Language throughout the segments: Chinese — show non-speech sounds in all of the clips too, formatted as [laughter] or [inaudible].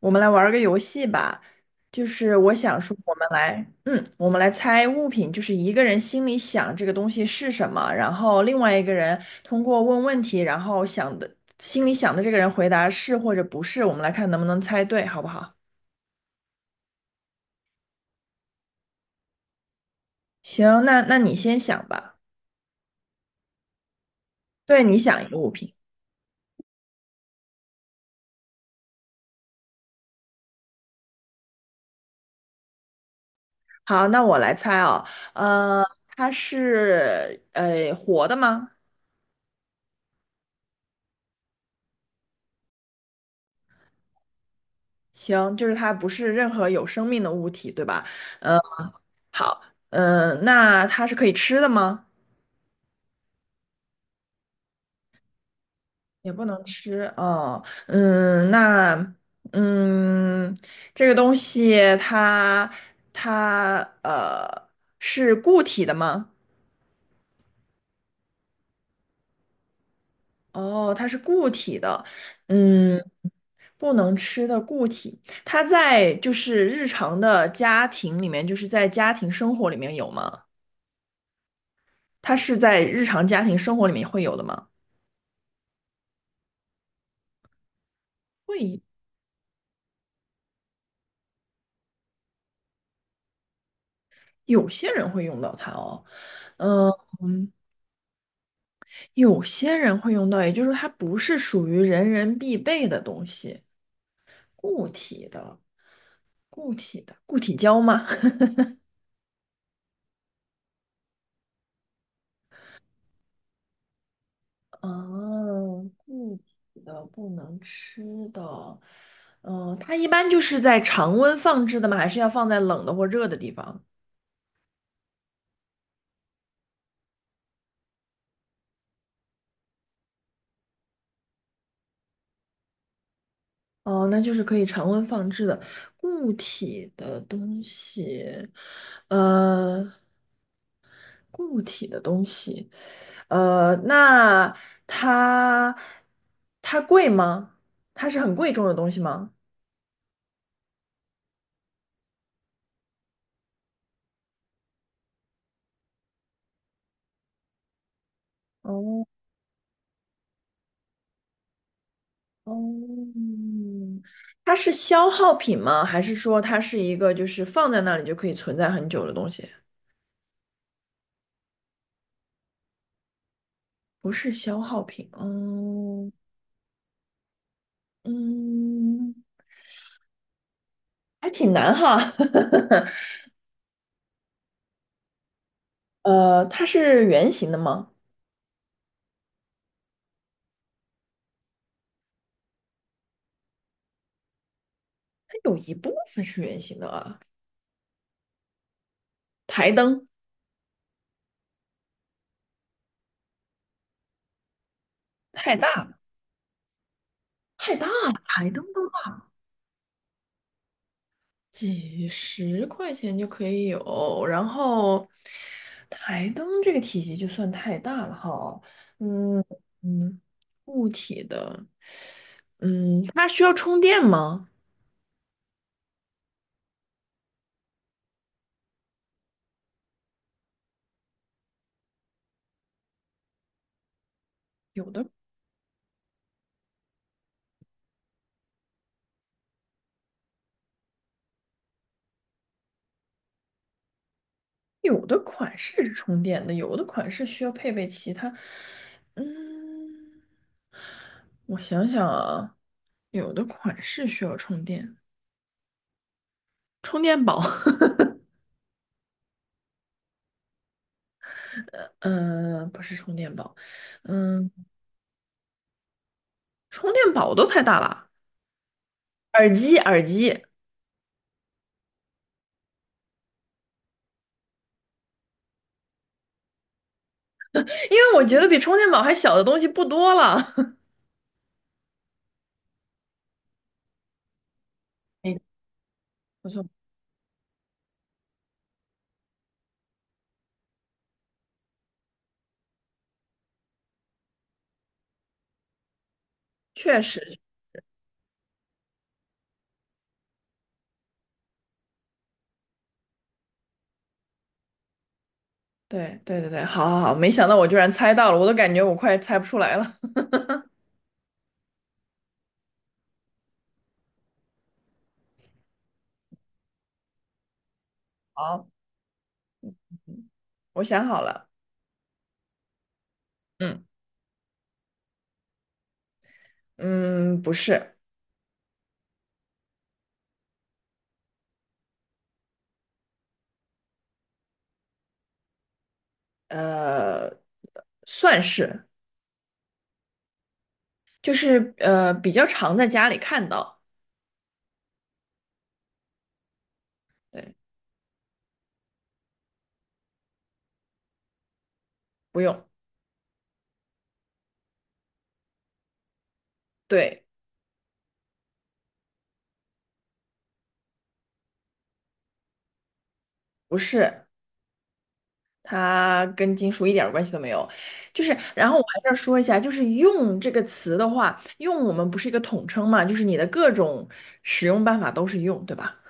我们来玩儿个游戏吧，就是我想说，我们来，我们来猜物品，就是一个人心里想这个东西是什么，然后另外一个人通过问问题，然后想的，心里想的这个人回答是或者不是，我们来看能不能猜对，好不好？行，那你先想吧。对，你想一个物品。好，那我来猜哦，呃，它是活的吗？行，就是它不是任何有生命的物体，对吧？呃好，嗯，那它是可以吃的吗？也不能吃哦，嗯，那嗯，这个东西它呃是固体的吗？哦，它是固体的，嗯，不能吃的固体，它在就是日常的家庭里面，就是在家庭生活里面有吗？它是在日常家庭生活里面会有的吗？会，有些人会用到它哦。嗯、有些人会用到，也就是说它不是属于人人必备的东西，固体的，固体的，固体胶吗？[laughs] 哦，固体的不能吃的，嗯，它一般就是在常温放置的吗？还是要放在冷的或热的地方？哦，那就是可以常温放置的固体的东西，呃，固体的东西。呃，那它它贵吗？它是很贵重的东西吗？哦哦，嗯它是消耗品吗？还是说它是一个就是放在那里就可以存在很久的东西？不是消耗品，嗯嗯，还挺难哈。[laughs] 它是圆形的吗？它有一部分是圆形的啊。台灯太大了，太大了，台灯都。几十块钱就可以有，然后台灯这个体积就算太大了哈，嗯嗯，固体的，嗯，它需要充电吗？有的有的款式是充电的，有的款式需要配备其他，嗯，我想想啊，有的款式需要充电，充电宝，[laughs] 嗯、不是充电宝，嗯，充电宝都太大了，耳机耳机。因为我觉得比充电宝还小的东西不多了。[laughs] 嗯，不错，确实，对对对对，好好好，没想到我居然猜到了，我都感觉我快猜不出来了。[laughs] 好，嗯我想好了，嗯嗯，不是，呃，算是，就是比较常在家里看到，对，不用，对，不是，它跟金属一点儿关系都没有。就是，然后我还是要说一下，就是“用”这个词的话，“用”我们不是一个统称嘛，就是你的各种使用办法都是“用”，对吧？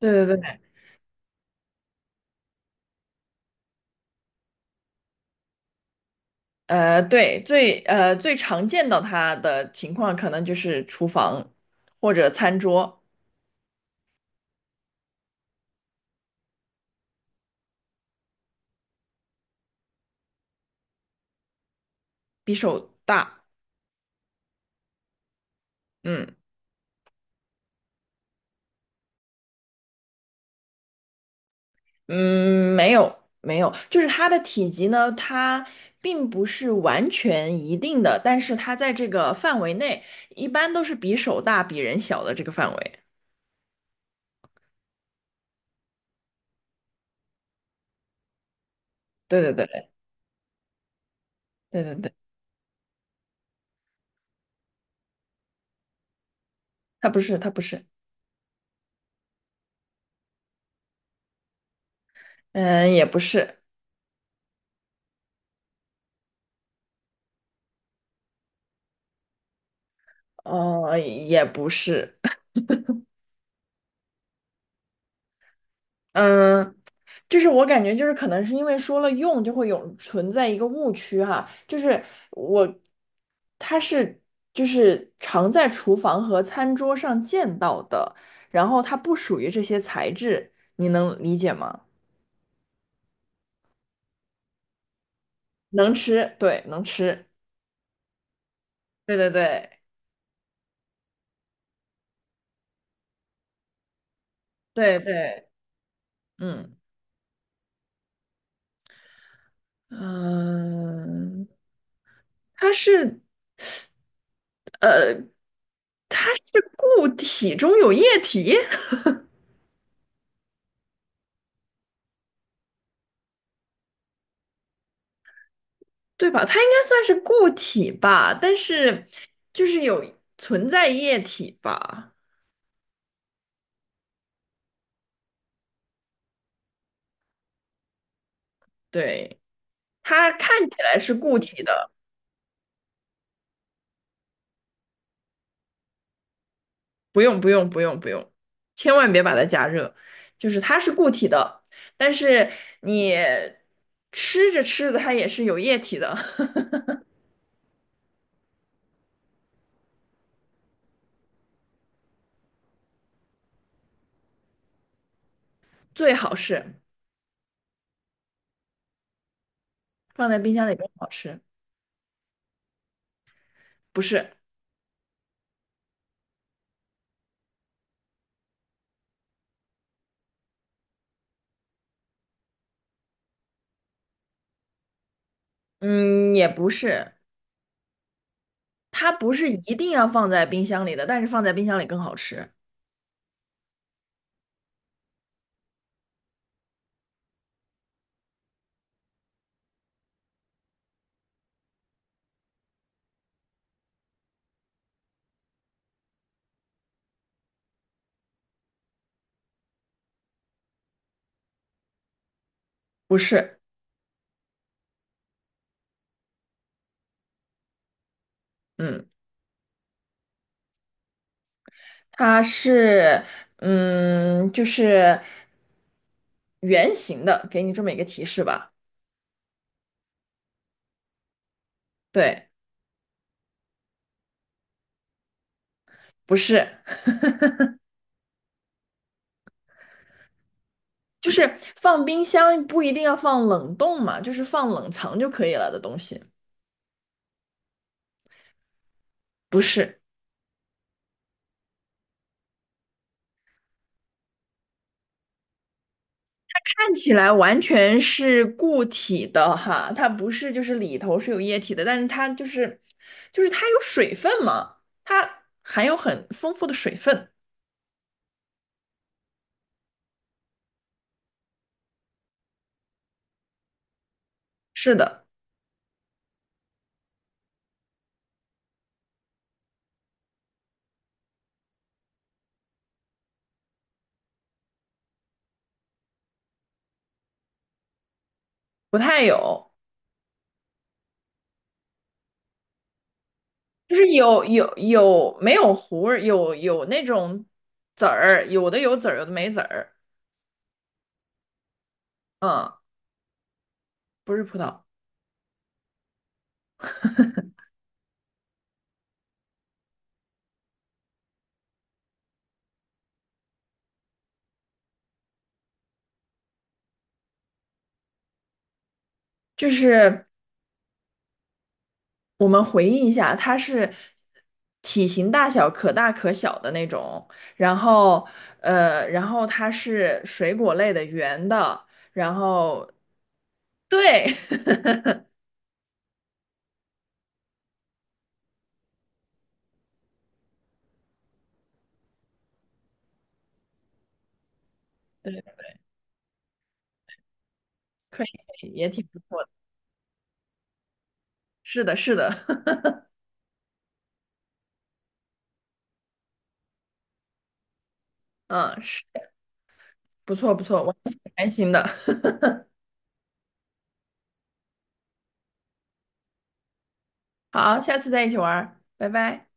对对对，对，最最常见到它的情况，可能就是厨房或者餐桌，比手大。嗯。嗯，没有没有，就是它的体积呢，它并不是完全一定的，但是它在这个范围内，一般都是比手大、比人小的这个范围。对对对对对对，它不是，它不是，嗯，也不是，哦，也不是，[laughs] 嗯，就是我感觉就是可能是因为说了用就会有存在一个误区哈，就是我它是就是常在厨房和餐桌上见到的，然后它不属于这些材质，你能理解吗？能吃，对，能吃，对对对对对，嗯嗯，它是呃它是固体中有液体。对吧？它应该算是固体吧，但是就是有存在液体吧？对，它看起来是固体的，不用不用不用不用，千万别把它加热，就是它是固体的，但是你吃着吃着它也是有液体的，[laughs] 最好是放在冰箱里更好吃，不是，嗯，也不是，它不是一定要放在冰箱里的，但是放在冰箱里更好吃，不是。嗯。它是，嗯，就是圆形的，给你这么一个提示吧。对，不是，就是放冰箱不一定要放冷冻嘛，就是放冷藏就可以了的东西。不是，看起来完全是固体的哈，它不是就是里头是有液体的，但是它就是它有水分嘛，它含有很丰富的水分。是的，不太有。就是有有没有核儿，有那种籽儿，有的有籽儿，有的没籽儿。嗯，不是葡萄，就是我们回忆一下，它是体型大小可大可小的那种，然后呃，然后它是水果类的，圆的，然后对 [laughs] 对，可以可以，也挺不错的。是的，是的，[laughs] 嗯，是不错不错，我还挺开心的。好，下次再一起玩儿，拜拜。